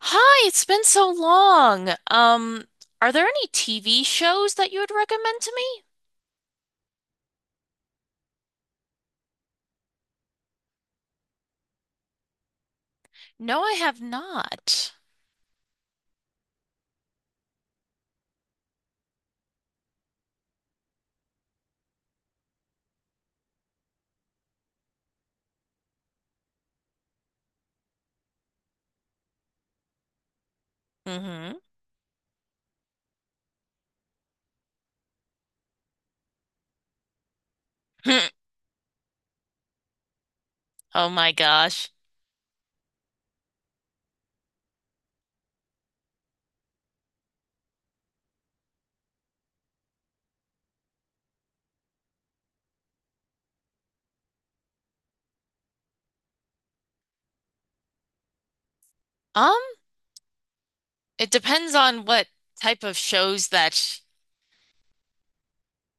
Hi, it's been so long. Are there any TV shows that you would recommend to me? No, I have not. Mm-hmm. Oh my gosh. Um, it depends on what type of shows that,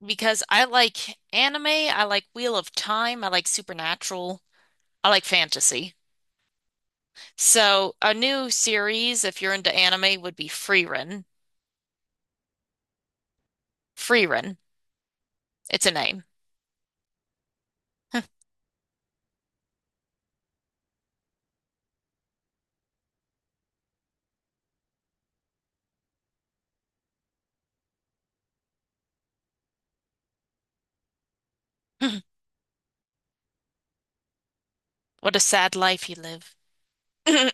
because I like anime, I like Wheel of Time, I like Supernatural, I like fantasy. So a new series, if you're into anime, would be Frieren. Frieren. It's a name. What a sad life you live.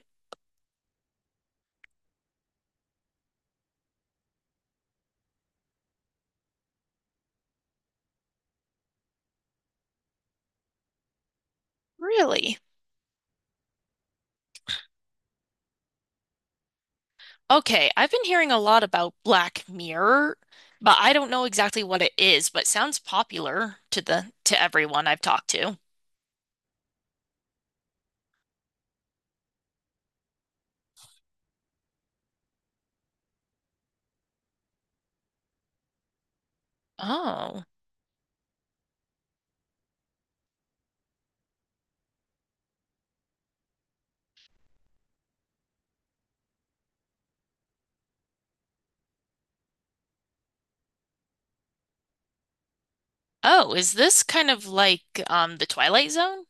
Really? Okay, I've been hearing a lot about Black Mirror, but I don't know exactly what it is, but sounds popular to everyone I've talked to. Oh. Oh, is this kind of like the Twilight Zone?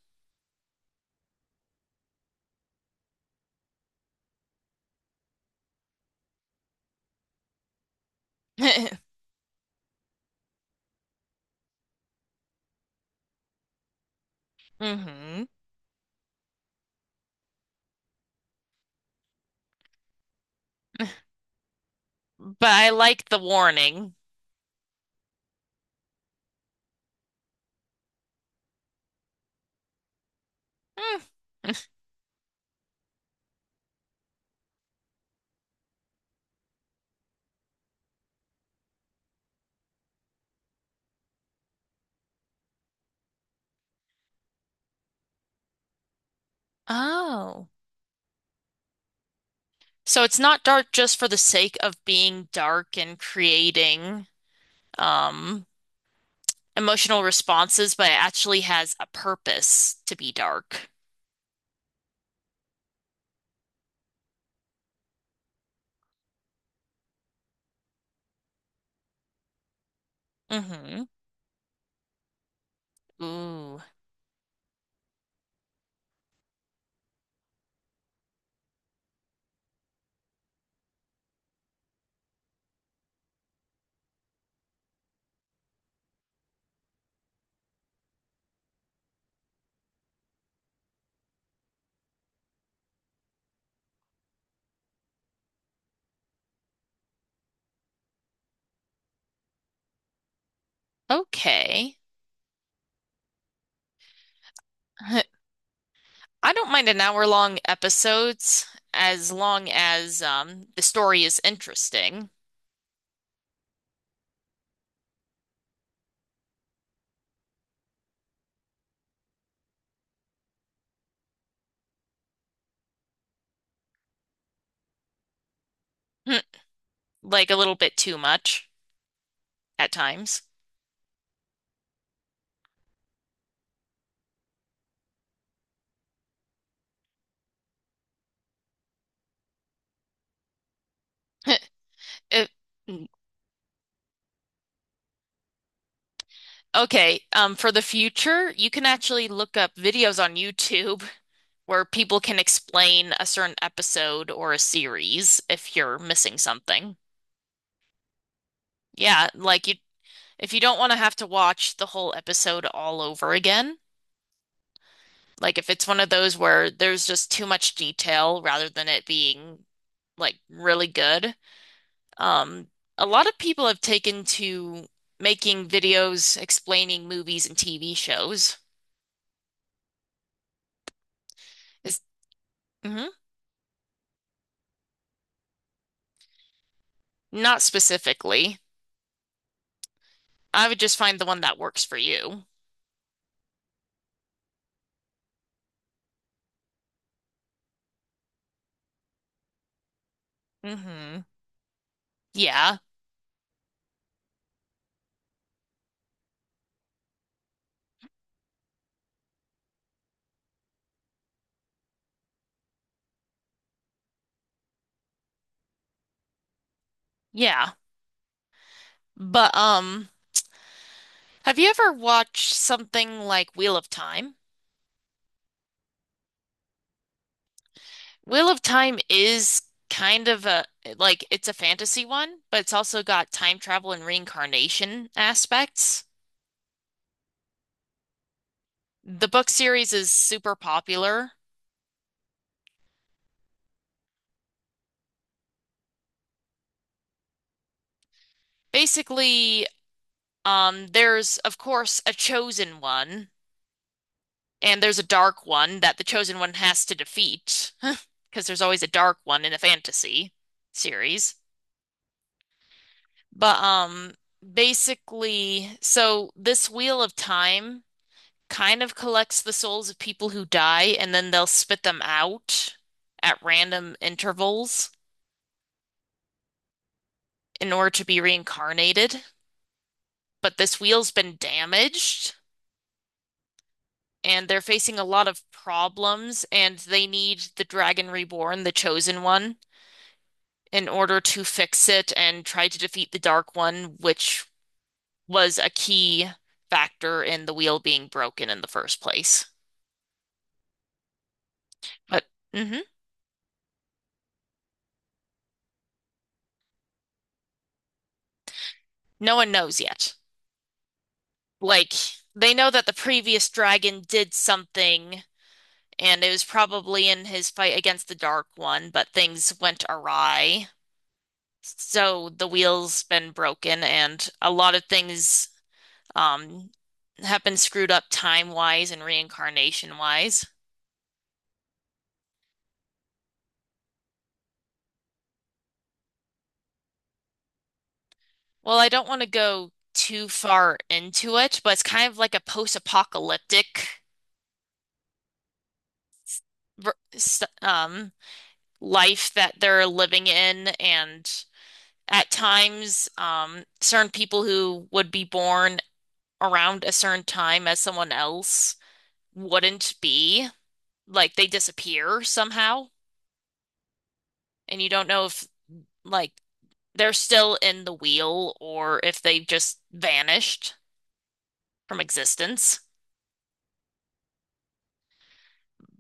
Hmm. But I like the warning. Hmm. Oh. So it's not dark just for the sake of being dark and creating um emotional responses, but it actually has a purpose to be dark. Mm-hmm. Ooh. Okay. I don't mind an hour long episodes as long as the story is interesting. Like a little bit too much at times. It- okay, for the future, you can actually look up videos on YouTube where people can explain a certain episode or a series if you're missing something. Yeah, like you if you don't want to have to watch the whole episode all over again. Like if it's one of those where there's just too much detail rather than it being like really good. Um, a lot of people have taken to making videos explaining movies and TV shows. Is hmm Not specifically. I would just find the one that works for you. Hmm. Yeah. Yeah. But have you ever watched something like Wheel of Time? Wheel of Time is kind of a like it's a fantasy one, but it's also got time travel and reincarnation aspects. The book series is super popular. Basically, there's of course a chosen one, and there's a dark one that the chosen one has to defeat because there's always a dark one in a fantasy series. But basically, so this Wheel of Time kind of collects the souls of people who die and then they'll spit them out at random intervals in order to be reincarnated. But this wheel's been damaged and they're facing a lot of problems and they need the Dragon Reborn, the chosen one, in order to fix it and try to defeat the Dark One, which was a key factor in the wheel being broken in the first place. But mhm, no one knows yet. Like they know that the previous dragon did something, and it was probably in his fight against the Dark One, but things went awry. So the wheel's been broken, and a lot of things um have been screwed up time-wise and reincarnation-wise. Well, I don't want to go too far into it, but it's kind of like a post-apocalyptic ver- s- um life that they're living in and at times, certain people who would be born around a certain time as someone else wouldn't be. Like they disappear somehow, and you don't know if like they're still in the wheel or if they just vanished from existence.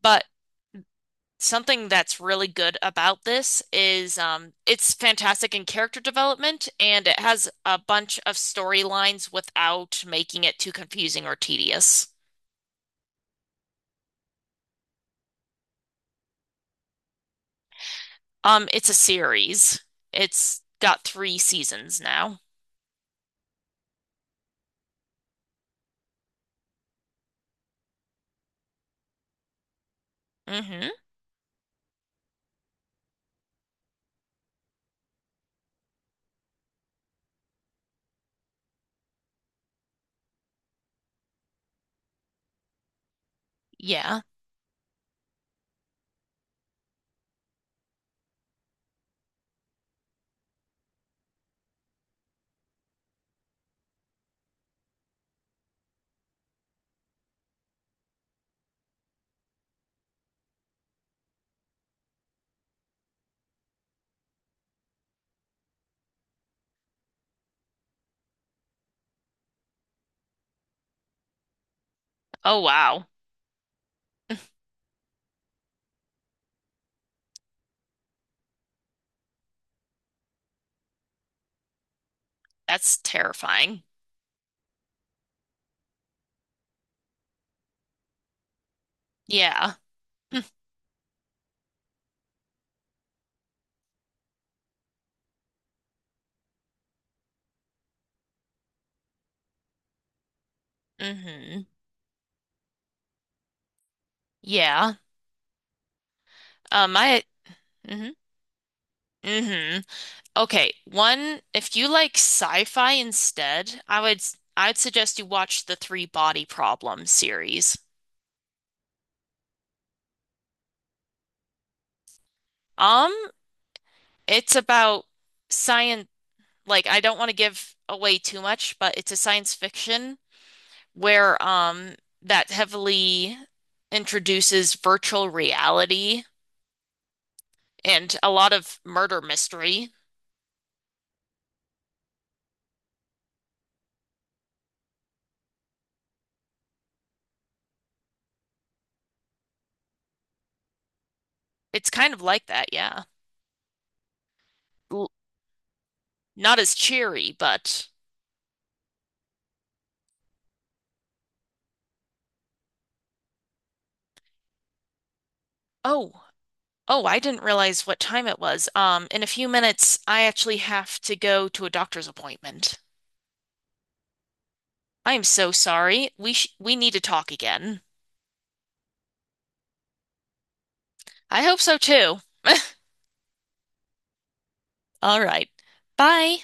But something that's really good about this is it's fantastic in character development and it has a bunch of storylines without making it too confusing or tedious. It's a series. It's got 3 seasons now. Mm-hmm. Yeah. Oh wow. That's terrifying. Yeah. Hmm. Mm-hmm. Yeah. I Mm-hmm. Mm-hmm. Okay. One, if you like sci-fi instead, I'd suggest you watch the Three Body Problem series. Um, it's about science like I don't want to give away too much, but it's a science fiction where that heavily introduces virtual reality and a lot of murder mystery. It's kind of like that, yeah. L- Not as cheery, but oh, oh, I didn't realize what time it was. In a few minutes, I actually have to go to a doctor's appointment. I am so sorry. We need to talk again. I hope so too. All right. Bye.